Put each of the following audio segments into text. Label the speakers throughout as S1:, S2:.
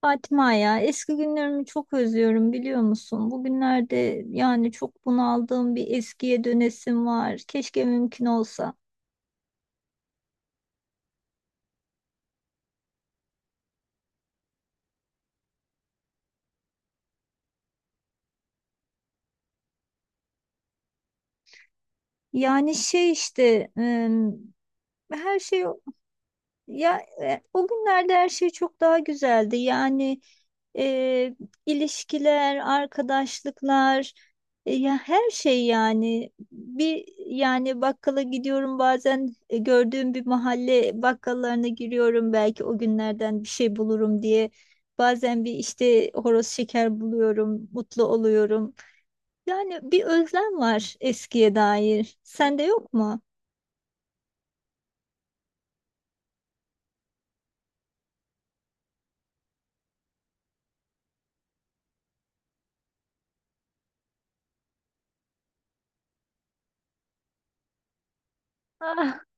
S1: Fatma, ya eski günlerimi çok özlüyorum, biliyor musun? Bugünlerde yani çok bunaldığım, bir eskiye dönesim var. Keşke mümkün olsa. Yani şey işte her şey. Ya o günlerde her şey çok daha güzeldi. Yani e, ilişkiler, arkadaşlıklar, ya her şey yani bir yani bakkala gidiyorum, bazen gördüğüm bir mahalle bakkallarına giriyorum, belki o günlerden bir şey bulurum diye. Bazen bir işte horoz şeker buluyorum, mutlu oluyorum. Yani bir özlem var eskiye dair. Sende yok mu?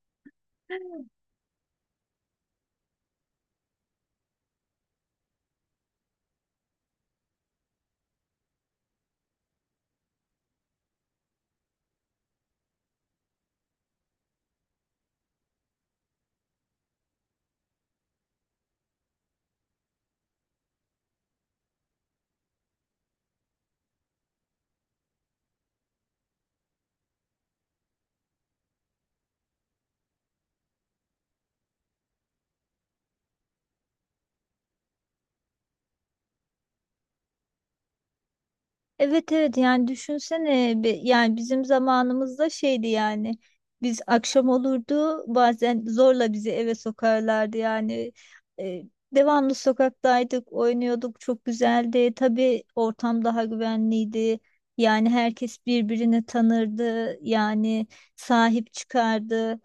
S1: Evet, evet, yani düşünsene yani bizim zamanımızda şeydi yani biz akşam olurdu, bazen zorla bizi eve sokarlardı yani. E, Devamlı sokaktaydık, oynuyorduk, çok güzeldi, tabii ortam daha güvenliydi, yani herkes birbirini tanırdı yani, sahip çıkardı.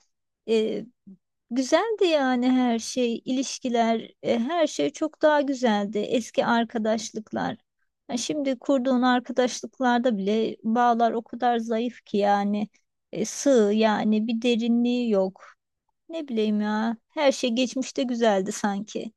S1: E, Güzeldi yani her şey, ilişkiler, her şey çok daha güzeldi. Eski arkadaşlıklar. Ha, şimdi kurduğun arkadaşlıklarda bile bağlar o kadar zayıf ki yani sığ yani, bir derinliği yok. Ne bileyim ya, her şey geçmişte güzeldi sanki.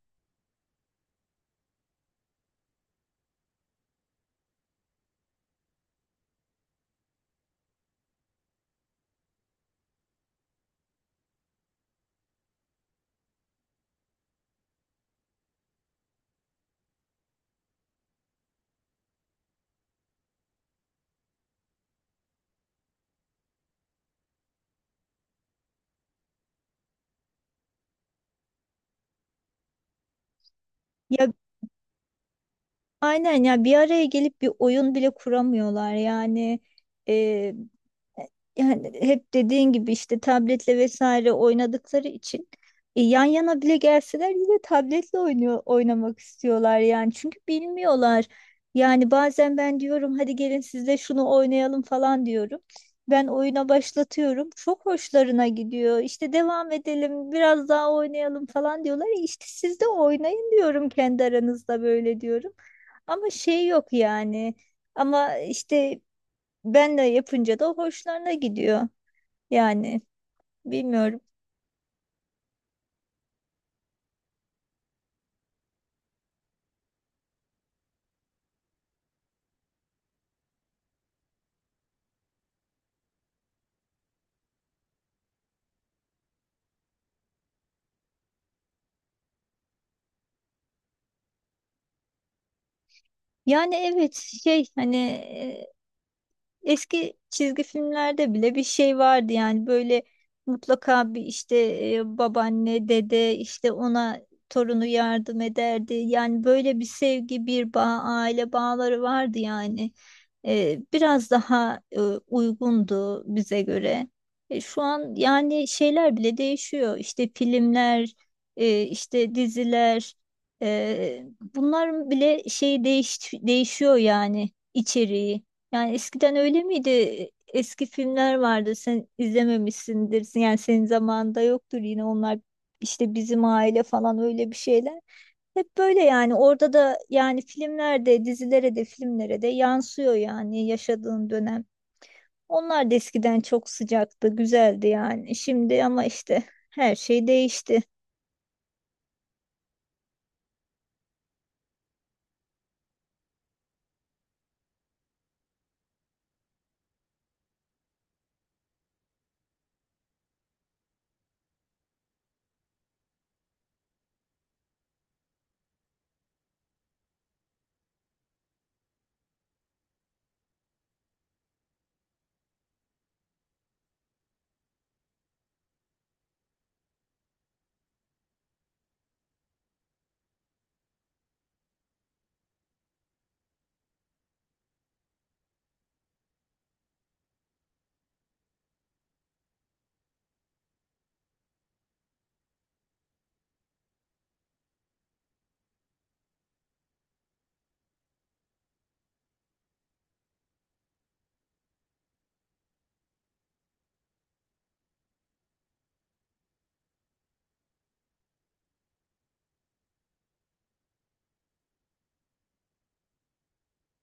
S1: Ya, aynen ya, bir araya gelip bir oyun bile kuramıyorlar yani, e, yani hep dediğin gibi işte tabletle vesaire oynadıkları için yan yana bile gelseler yine tabletle oynuyor, oynamak istiyorlar yani, çünkü bilmiyorlar. Yani bazen ben diyorum hadi gelin siz de şunu oynayalım falan diyorum. Ben oyuna başlatıyorum. Çok hoşlarına gidiyor. İşte devam edelim, biraz daha oynayalım falan diyorlar. İşte siz de oynayın diyorum, kendi aranızda böyle diyorum. Ama şey yok yani. Ama işte ben de yapınca da hoşlarına gidiyor. Yani bilmiyorum. Yani evet, şey hani eski çizgi filmlerde bile bir şey vardı yani, böyle mutlaka bir işte babaanne, dede işte ona torunu yardım ederdi. Yani böyle bir sevgi, bir bağ, aile bağları vardı yani. Biraz daha uygundu bize göre. Şu an yani şeyler bile değişiyor. İşte filmler, işte diziler, e, bunların bile şeyi değişiyor yani, içeriği. Yani eskiden öyle miydi? Eski filmler vardı. Sen izlememişsindir. Yani senin zamanında yoktur, yine onlar işte bizim aile falan öyle bir şeyler. Hep böyle yani orada da yani filmlerde, dizilere de, filmlere de yansıyor yani yaşadığın dönem. Onlar da eskiden çok sıcaktı, güzeldi yani. Şimdi ama işte her şey değişti.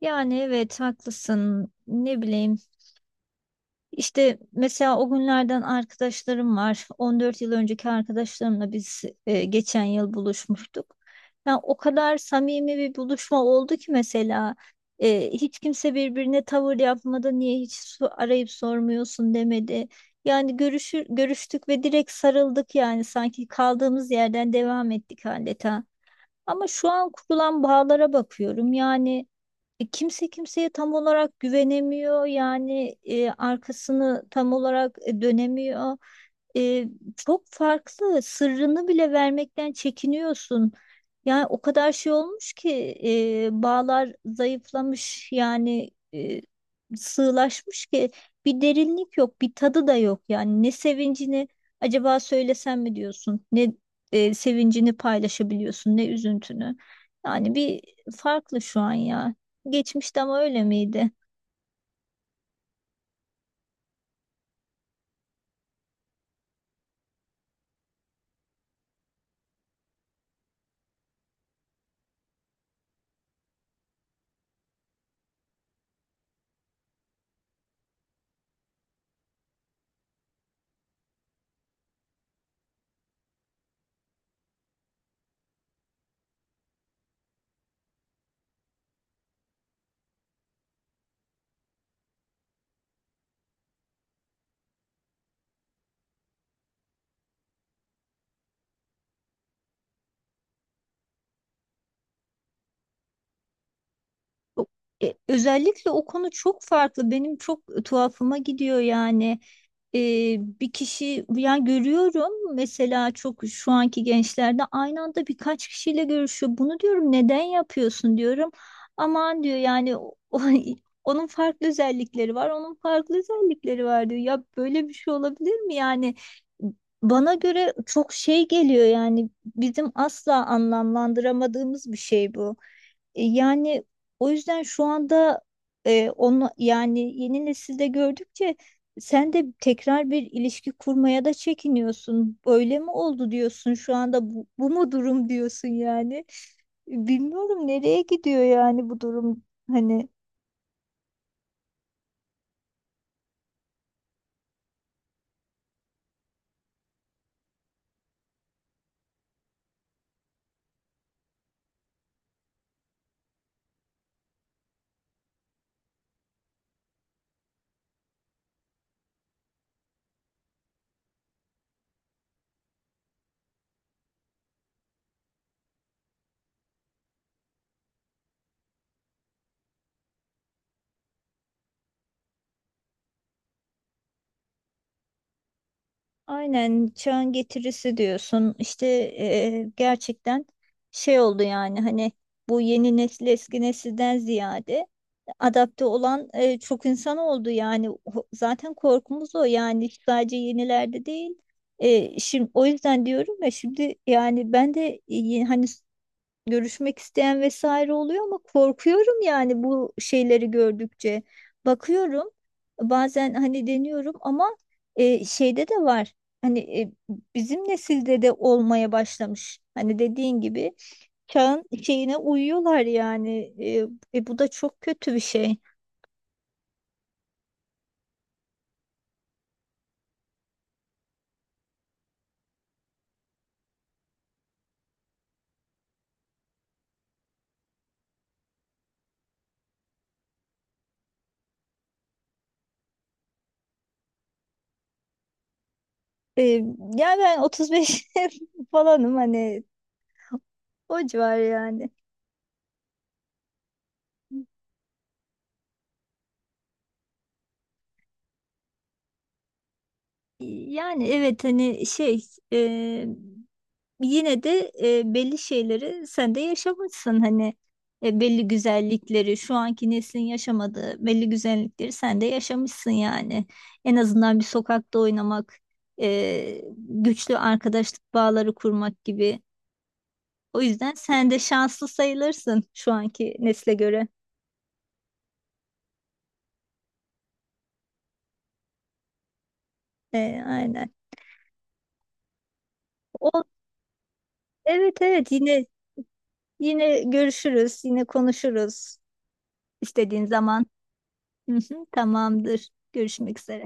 S1: Yani evet, haklısın. Ne bileyim, İşte mesela o günlerden arkadaşlarım var. 14 yıl önceki arkadaşlarımla biz geçen yıl buluşmuştuk. Yani o kadar samimi bir buluşma oldu ki, mesela hiç kimse birbirine tavır yapmadı. Niye hiç arayıp sormuyorsun demedi. Yani görüştük ve direkt sarıldık yani, sanki kaldığımız yerden devam ettik adeta. Ama şu an kurulan bağlara bakıyorum. Yani kimse kimseye tam olarak güvenemiyor yani, arkasını tam olarak dönemiyor. E, Çok farklı, sırrını bile vermekten çekiniyorsun. Yani o kadar şey olmuş ki bağlar zayıflamış yani, sığlaşmış ki bir derinlik yok, bir tadı da yok yani, ne sevincini acaba söylesem mi diyorsun, ne sevincini paylaşabiliyorsun, ne üzüntünü. Yani bir farklı şu an ya. Geçmişte ama öyle miydi? O- Özellikle o konu çok farklı. Benim çok tuhafıma gidiyor yani. e, Bir kişi yani görüyorum mesela, çok şu anki gençlerde aynı anda birkaç kişiyle görüşüyor. Bunu diyorum, neden yapıyorsun diyorum. Aman diyor yani, onun farklı özellikleri var, onun farklı özellikleri var diyor. Ya böyle bir şey olabilir mi yani? Bana göre çok şey geliyor yani, bizim asla anlamlandıramadığımız bir şey bu. Yani o yüzden şu anda onu yani yeni nesilde gördükçe sen de tekrar bir ilişki kurmaya da çekiniyorsun. Öyle mi oldu diyorsun şu anda, bu, bu mu durum diyorsun yani. Bilmiyorum nereye gidiyor yani bu durum, hani. Aynen, çağın getirisi diyorsun. İşte gerçekten şey oldu yani, hani bu yeni nesil eski nesilden ziyade adapte olan çok insan oldu yani. Zaten korkumuz o yani, sadece yenilerde değil. Şimdi o yüzden diyorum ya, şimdi yani ben de hani görüşmek isteyen vesaire oluyor ama korkuyorum yani bu şeyleri gördükçe. Bakıyorum, bazen hani deniyorum ama şeyde de var. Hani bizim nesilde de olmaya başlamış. Hani dediğin gibi çağın şeyine uyuyorlar yani. Bu da çok kötü bir şey. E, Yani ben 35 falanım hani, o civar yani. Yani evet, hani şey e, yine de belli şeyleri sen de yaşamışsın, hani belli güzellikleri şu anki neslin yaşamadığı belli güzellikleri sen de yaşamışsın yani, en azından bir sokakta oynamak, güçlü arkadaşlık bağları kurmak gibi, o yüzden sen de şanslı sayılırsın şu anki nesle göre. E, aynen. O, evet, evet, yine, yine görüşürüz, yine konuşuruz, istediğin zaman. Hı hı, tamamdır, görüşmek üzere.